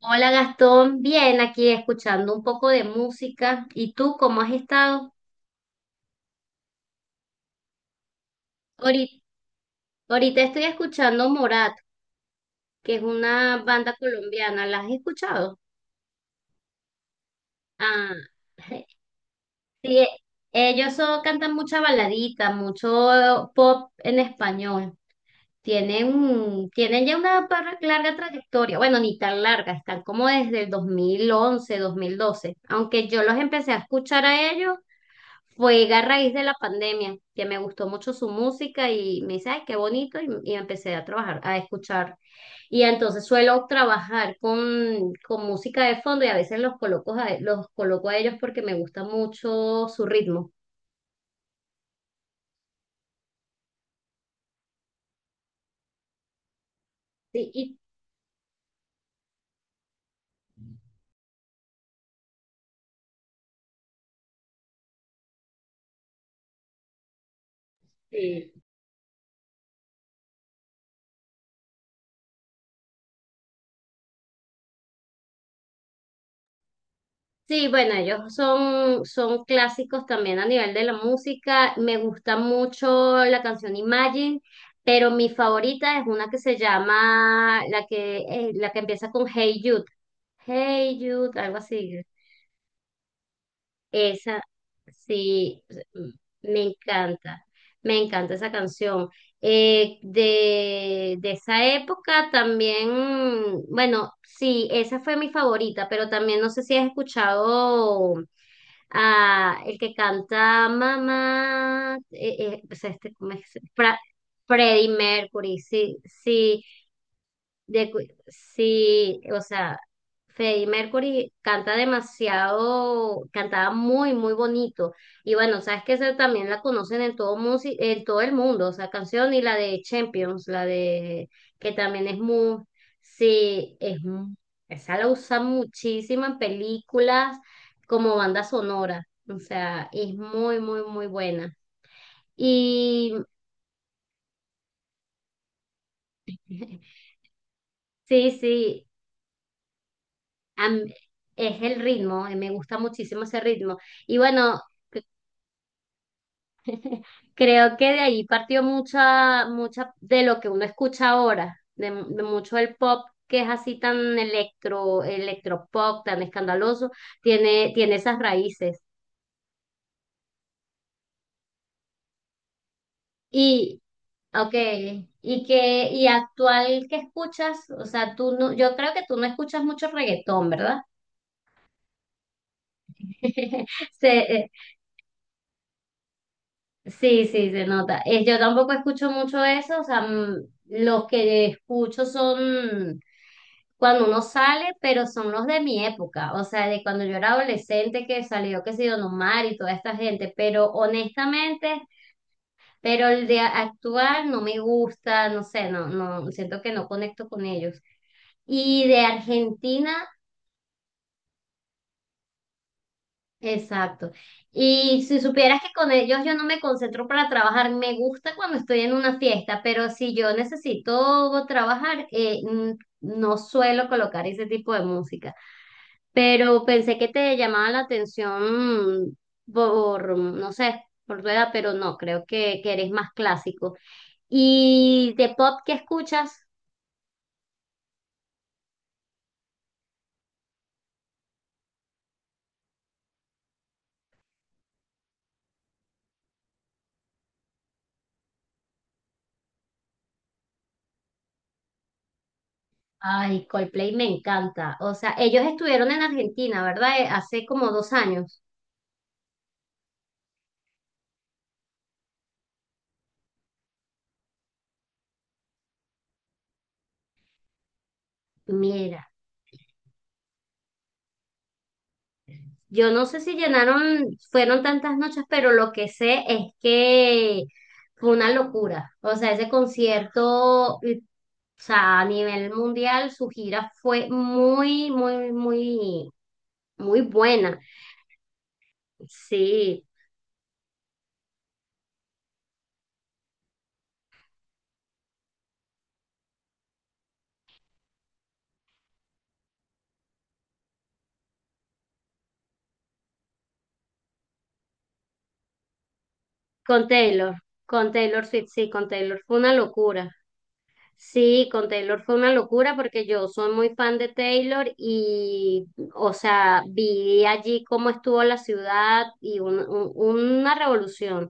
Hola Gastón, bien aquí escuchando un poco de música. ¿Y tú cómo has estado? Ahorita, ahorita estoy escuchando Morat, que es una banda colombiana. ¿La has escuchado? Ah, sí, cantan mucha baladita, mucho pop en español. Tienen ya larga trayectoria. Bueno, ni tan larga, están como desde el 2011, 2012. Aunque yo los empecé a escuchar a ellos. Fue a raíz de la pandemia, que me gustó mucho su música y me dice, ay, qué bonito, y empecé a trabajar, a escuchar. Y entonces suelo trabajar con música de fondo y a veces los coloco a ellos porque me gusta mucho su ritmo. Sí, sí. Sí, bueno, ellos son clásicos también a nivel de la música. Me gusta mucho la canción Imagine, pero mi favorita es una que se llama, la que empieza con Hey Jude. Hey Jude, algo así. Esa, sí, me encanta, me encanta esa canción. De esa época también, bueno, sí, esa fue mi favorita, pero también no sé si has escuchado a el que canta Mamá, pues este, ¿cómo es? Fra- Freddie Mercury, sí, sí. De, cu- sí, o sea, Freddie Mercury canta demasiado, cantaba muy, muy bonito. Y bueno, sabes que esa también la conocen en todo el mundo, o sea, canción y la de Champions, la de que también es muy, sí, esa la usan muchísimo en películas como banda sonora, o sea, es muy, muy, muy buena. Y sí, sí. a Es el ritmo, me gusta muchísimo ese ritmo. Y bueno, c- creo que de ahí partió mucha de lo que uno escucha ahora, de mucho el pop que es así tan electro, electropop, tan escandaloso, tiene esas raíces. Y, okay, y actual que escuchas, o sea, tú no, yo creo que tú no escuchas mucho reggaetón, ¿verdad? Se- eh, sí, sí, se nota. Yo tampoco escucho mucho eso, o sea, los que escucho son cuando uno sale, pero son los de mi época, o sea, de cuando yo era adolescente que salió, que sé yo, Don Omar y toda esta gente, pero honestamente, pero el de actuar no me gusta, no sé, no, no, siento que no conecto con ellos. Y de Argentina. Exacto. Y si supieras que con ellos yo no me concentro para trabajar, me gusta cuando estoy en una fiesta, pero si yo necesito trabajar, no suelo colocar ese tipo de música. Pero pensé que te llamaba la atención no sé, por tu edad, pero no, creo que eres más clásico. ¿Y de pop qué escuchas? Ay, Coldplay me encanta. O sea, ellos estuvieron en Argentina, ¿verdad? Hace como 2 años. Mira. Yo no sé si llenaron, fueron tantas noches, pero lo que sé es que fue una locura. O sea, ese concierto, o sea, a nivel mundial, su gira fue muy, muy, muy, muy buena. Sí, con Taylor, con Taylor Swift, sí, con Taylor fue una locura. Sí, con Taylor fue una locura porque yo soy muy fan de Taylor y, o sea, vi allí cómo estuvo la ciudad y una revolución.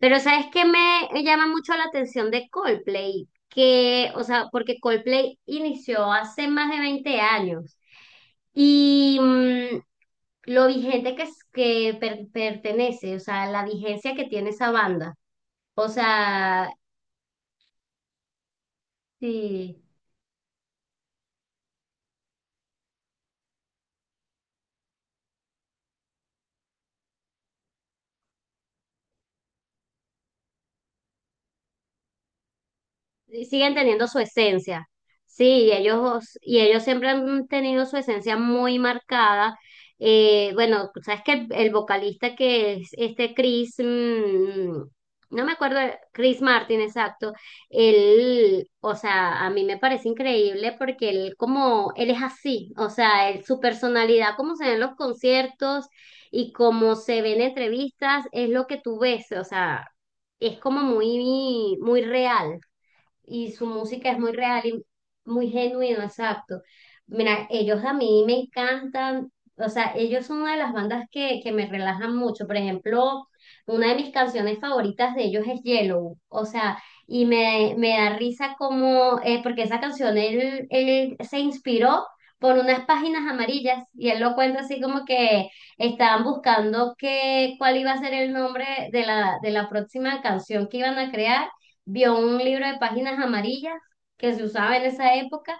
Pero ¿sabes qué me llama mucho la atención de Coldplay? Que, o sea, porque Coldplay inició hace más de 20 años y lo vigente que, es, pertenece, o sea, la vigencia que tiene esa banda. O sea, sí. Y siguen teniendo su esencia. Sí, y ellos siempre han tenido su esencia muy marcada. Bueno, sabes que el vocalista que es este Chris, no me acuerdo, Chris Martin, exacto, él, o sea, a mí me parece increíble porque él como, él es así, o sea, su personalidad, como se ven en los conciertos y como se ven en entrevistas, es lo que tú ves, o sea, es como muy, muy real y su música es muy real y muy genuino, exacto. Mira, ellos a mí me encantan, o sea, ellos son una de las bandas que me relajan mucho. Por ejemplo, una de mis canciones favoritas de ellos es Yellow, o sea, y me da risa como, porque esa canción él se inspiró por unas páginas amarillas y él lo cuenta así como que estaban buscando que, cuál iba a ser el nombre de la próxima canción que iban a crear. Vio un libro de páginas amarillas que se usaba en esa época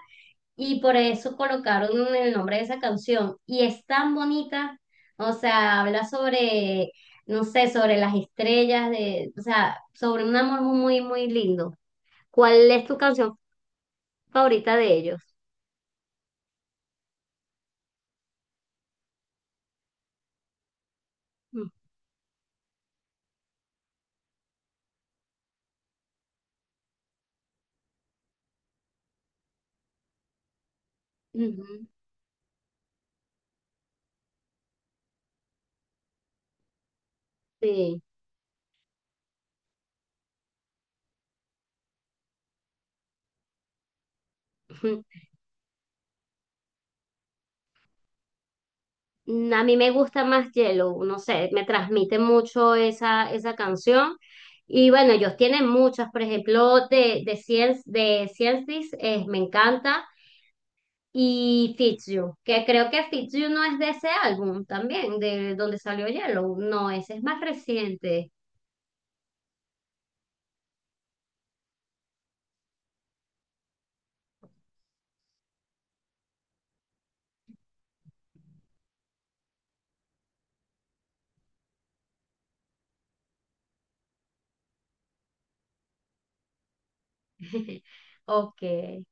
y por eso colocaron el nombre de esa canción. Y es tan bonita, o sea, habla sobre, no sé, sobre las estrellas, de, o sea, sobre un amor muy, muy lindo. ¿Cuál es tu canción favorita de ellos? Mm, ujú, sí. A mí me gusta más Yellow, no sé, me transmite mucho esa canción. Y bueno, ellos tienen muchas, por ejemplo, de Science, de Science This, me encanta. Y Fix You, que creo que Fix You no es de ese álbum también, de donde salió Yellow. No, ese es más reciente. Ok.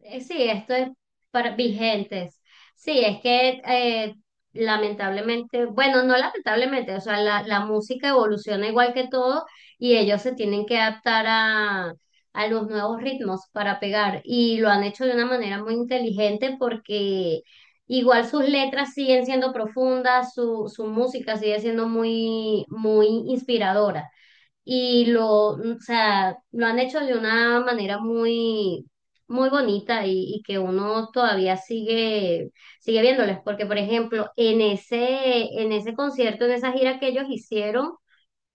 Sí, esto es para vigentes. Sí, es que lamentablemente, bueno, no lamentablemente, o sea, la música evoluciona igual que todo y ellos se tienen que adaptar a los nuevos ritmos para pegar y lo han hecho de una manera muy inteligente porque igual sus letras siguen siendo profundas, su música sigue siendo muy, muy inspiradora y lo, o sea, lo han hecho de una manera muy, muy bonita y que uno todavía sigue viéndoles, porque por ejemplo, en ese concierto, en esa gira que ellos hicieron,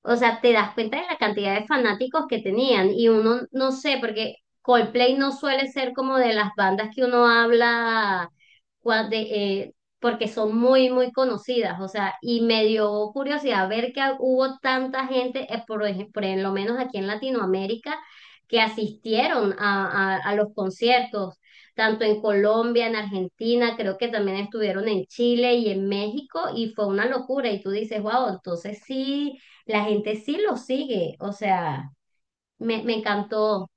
o sea, te das cuenta de la cantidad de fanáticos que tenían y uno no sé, porque Coldplay no suele ser como de las bandas que uno habla cua- de, eh, porque son muy, muy conocidas, o sea, y me dio curiosidad ver que hubo tanta gente, por ejemplo, por lo menos aquí en Latinoamérica, que asistieron a los conciertos, tanto en Colombia, en Argentina, creo que también estuvieron en Chile y en México, y fue una locura, y tú dices, wow, entonces sí la gente sí lo sigue, o sea, me encantó.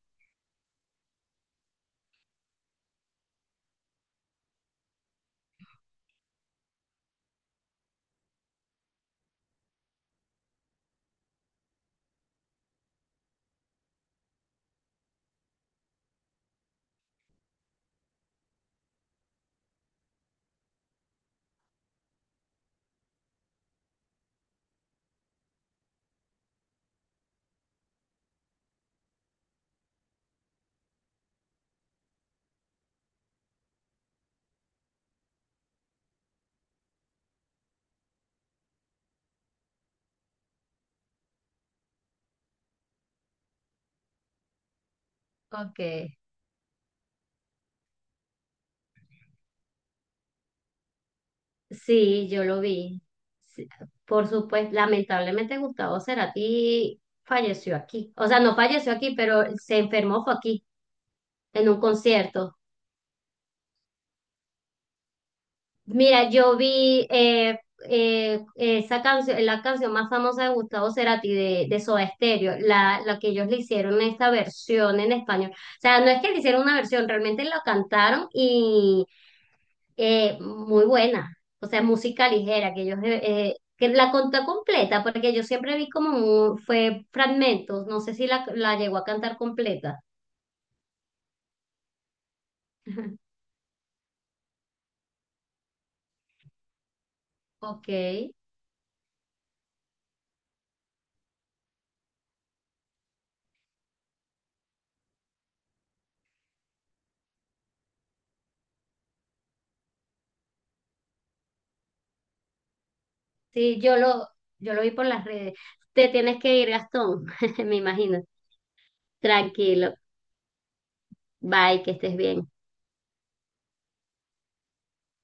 Ok. Sí, yo lo vi. Sí, por supuesto, lamentablemente Gustavo Cerati falleció aquí. O sea, no falleció aquí, pero se enfermó fue aquí, en un concierto. Mira, yo vi esa canción, la canción más famosa de Gustavo Cerati de Soda Stereo, la que ellos le hicieron esta versión en español. O sea, no es que le hicieron una versión, realmente la cantaron muy buena, o sea, música ligera, que ellos, que la contó completa, porque yo siempre vi como fue fragmentos, no sé si la llegó a cantar completa. Ok, sí, yo lo vi por las redes. Te tienes que ir, Gastón, me imagino. Tranquilo, bye, que estés bien.